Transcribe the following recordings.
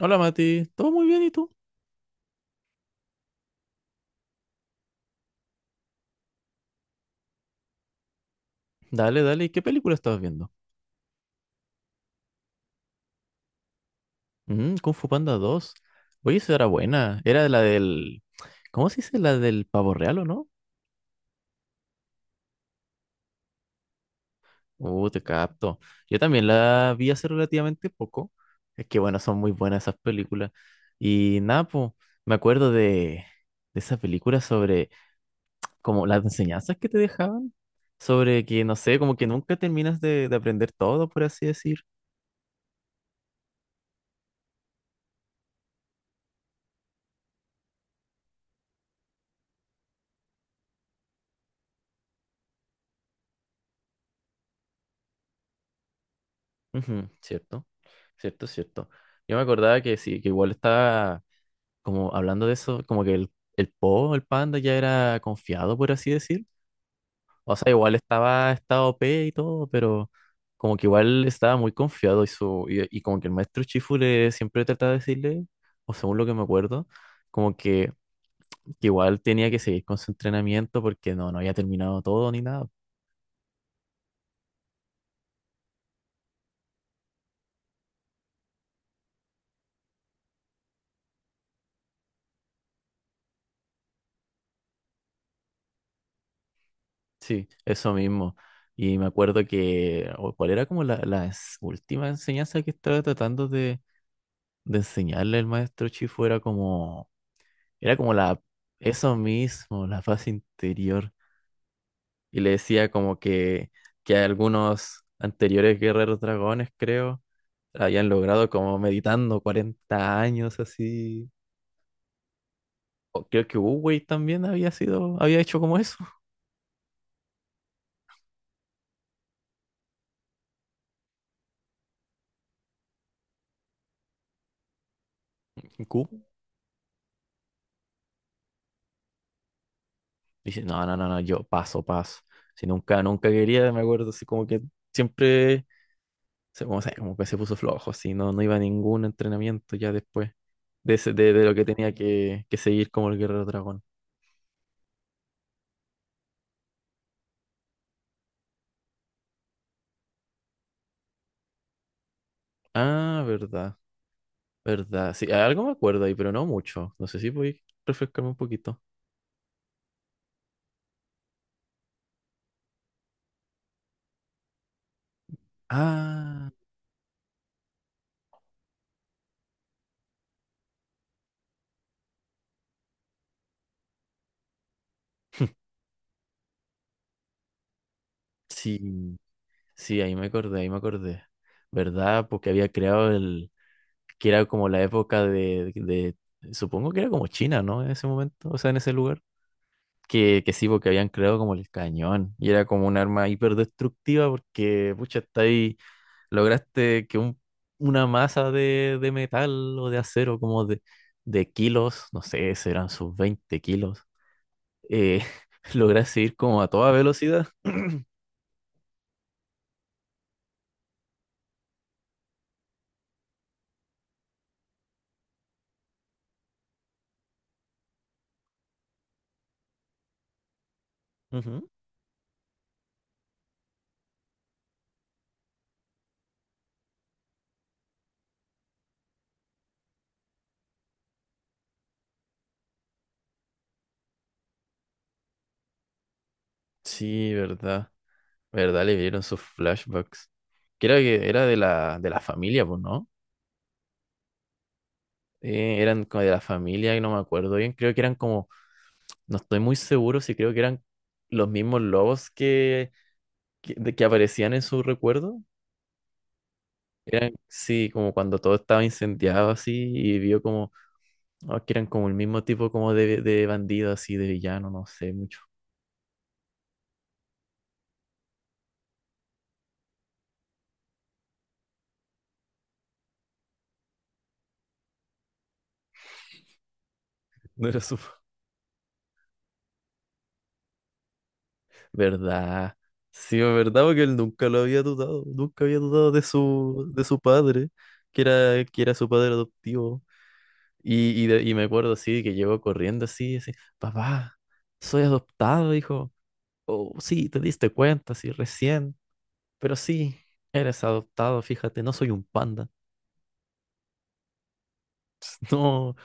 Hola Mati, ¿todo muy bien y tú? Dale, dale, ¿qué película estabas viendo? Mm, Kung Fu Panda 2. Oye, esa era buena. Era la del... ¿Cómo se dice? La del pavo real, ¿o no? Te capto. Yo también la vi hace relativamente poco. Es que bueno, son muy buenas esas películas. Y nada, po, me acuerdo de esa película sobre como las enseñanzas que te dejaban. Sobre que, no sé, como que nunca terminas de aprender todo, por así decir. Ujú, cierto, cierto, cierto. Yo me acordaba que sí, que igual estaba como hablando de eso, como que el Po, el panda ya era confiado, por así decir. O sea, igual estaba OP y todo, pero como que igual estaba muy confiado y como que el maestro Chifu le siempre trataba de decirle, o según lo que me acuerdo, como que igual tenía que seguir con su entrenamiento porque no había terminado todo ni nada. Sí, eso mismo. Y me acuerdo que, o ¿cuál era como última enseñanza que estaba tratando de enseñarle el maestro Chifu? Era como la, eso mismo, la paz interior. Y le decía como que algunos anteriores guerreros dragones, creo, habían logrado como meditando 40 años así. O creo que Wu Wei también había sido, había hecho como eso. Dice, no, no, no, no, yo paso, paso. Si nunca, nunca quería, me acuerdo, así como que siempre, como que se puso flojo, así, no iba a ningún entrenamiento ya después de lo que tenía que seguir como el Guerrero Dragón. Ah, verdad, verdad. Sí, algo me acuerdo ahí, pero no mucho. No sé si voy a refrescarme un poquito. Ah, sí, sí, ahí me acordé, ahí me acordé. ¿Verdad? Porque había creado el, que era como la época supongo que era como China, ¿no? En ese momento, o sea, en ese lugar. Que sí, porque habían creado como el cañón y era como un arma hiperdestructiva porque, pucha, está ahí, lograste que una masa de metal o de acero como de kilos, no sé, serán sus 20 kilos, eh, lograste ir como a toda velocidad. Ujú. Sí, verdad, verdad, le dieron sus flashbacks. Creo que era de la familia, pues, ¿no? Eran como de la familia y no me acuerdo bien, creo que eran como. No estoy muy seguro si creo que eran los mismos lobos que aparecían en su recuerdo. Eran, sí, como cuando todo estaba incendiado así y vio como que eran como el mismo tipo como de bandido así, de villano, no sé mucho. No era su... ¿Verdad? Sí, es verdad, porque él nunca lo había dudado, nunca había dudado de su padre, que era su padre adoptivo. Y me acuerdo así, que llegó corriendo así, así, papá, soy adoptado, hijo. Oh, sí, te diste cuenta, sí, recién. Pero sí, eres adoptado, fíjate, no soy un panda. No.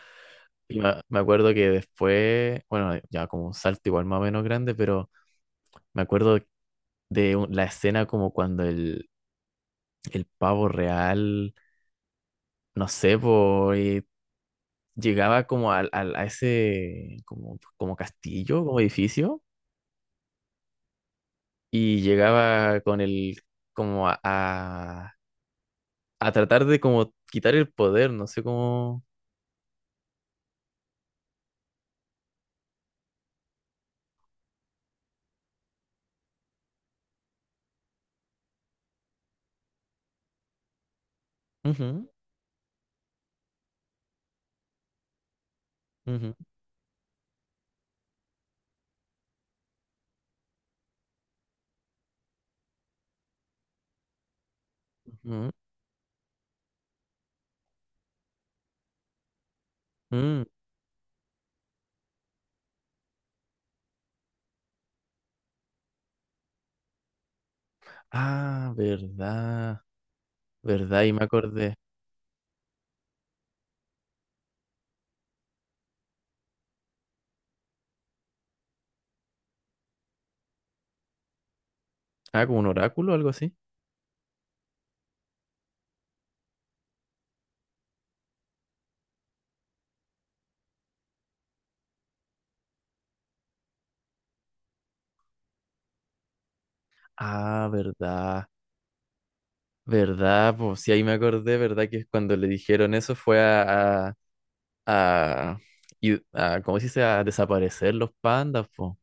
Y me acuerdo que después, bueno, ya como un salto igual más o menos grande, pero me acuerdo de la escena como cuando el pavo real, no sé, po, y llegaba como a, ese como castillo, como edificio, y llegaba con el, como a tratar de como quitar el poder, no sé cómo. Ujú. Ujú, ujú, mm. Ah, verdad, verdad, y me acordé. Ah, como un oráculo o algo así. Ah, verdad, verdad, pues sí, ahí me acordé, verdad, que cuando le dijeron eso fue a, ¿cómo se dice? A desaparecer los pandas, pues.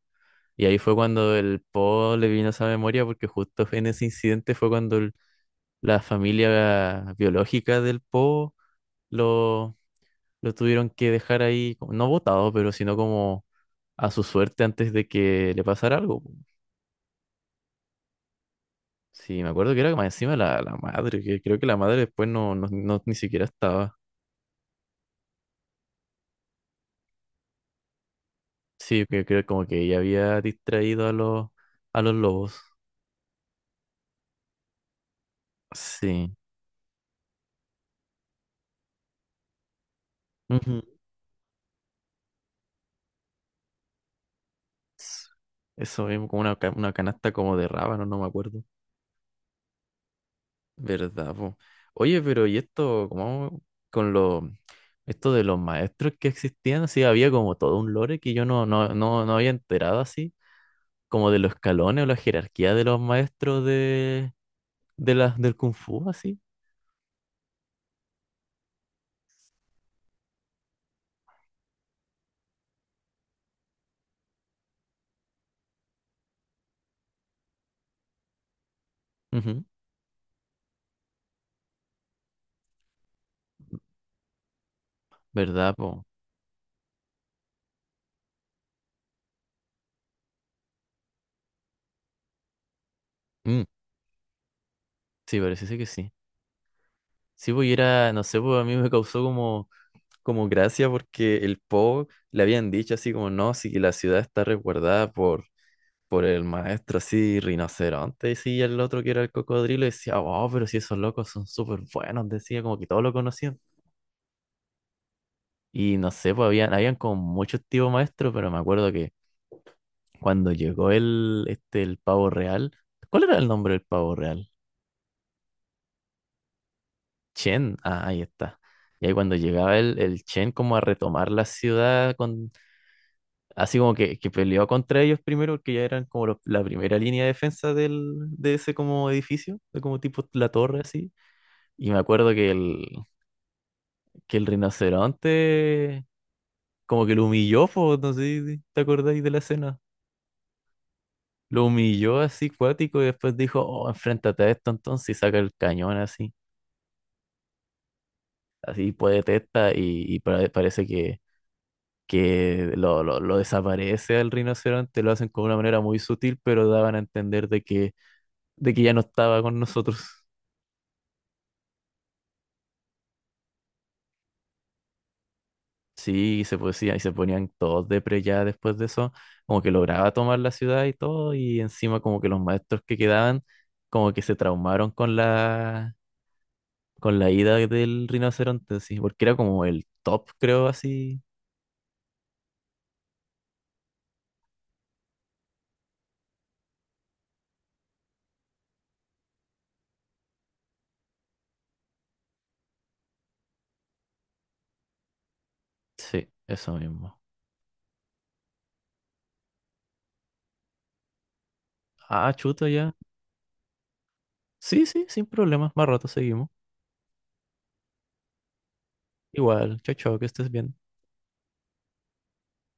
Y ahí fue cuando el Po le vino esa memoria, porque justo en ese incidente fue cuando la familia biológica del Po lo, lo tuvieron que dejar ahí, no botado, pero sino como a su suerte antes de que le pasara algo. Po. Sí, me acuerdo que era más encima la madre, que creo que la madre después ni siquiera estaba. Sí, que creo como que ella había distraído a los lobos. Sí. Ujú. S- Eso mismo, como una canasta como de rábano, no me acuerdo. ¿Verdad, po? Oye, pero ¿y esto, cómo con lo, esto de los maestros que existían? Sí, había como todo un lore que yo no había enterado así. Como de los escalones o la jerarquía de los maestros de las del Kung Fu, así. Ujú. ¿Verdad, po? Mm, sí, parece ser que sí. Sí, pues y era, no sé, pues a mí me causó como gracia porque el Po le habían dicho así como, no, sí que la ciudad está resguardada por el maestro así, rinoceronte, y sí, y el otro que era el cocodrilo decía, oh, pero si esos locos son súper buenos, decía, como que todos lo conocían. Y no sé, pues habían como muchos tipos maestros, pero me acuerdo que cuando llegó el pavo real, ¿cuál era el nombre del pavo real? Chen, ah, ahí está. Y ahí cuando llegaba el Chen como a retomar la ciudad, así como que peleó contra ellos primero, porque ya eran como la primera línea de defensa de ese como edificio, de como tipo la torre así. Y me acuerdo que que el rinoceronte como que lo humilló, po, no sé si te acordáis de la escena. Lo humilló así cuático y después dijo, oh, enfréntate a esto entonces y saca el cañón así. Así puede testa y parece que lo desaparece al rinoceronte, lo hacen con una manera muy sutil, pero daban a entender de que ya no estaba con nosotros. Sí, y se ponían todos depre ya después de eso, como que lograba tomar la ciudad y todo, y encima como que los maestros que quedaban, como que se traumaron con la ida del rinoceronte, sí, porque era como el top, creo, así. Sí, eso mismo. Ah, chuto ya. Sí, sí, sin problemas. Más rato seguimos. Igual, chao, chao, que estés bien.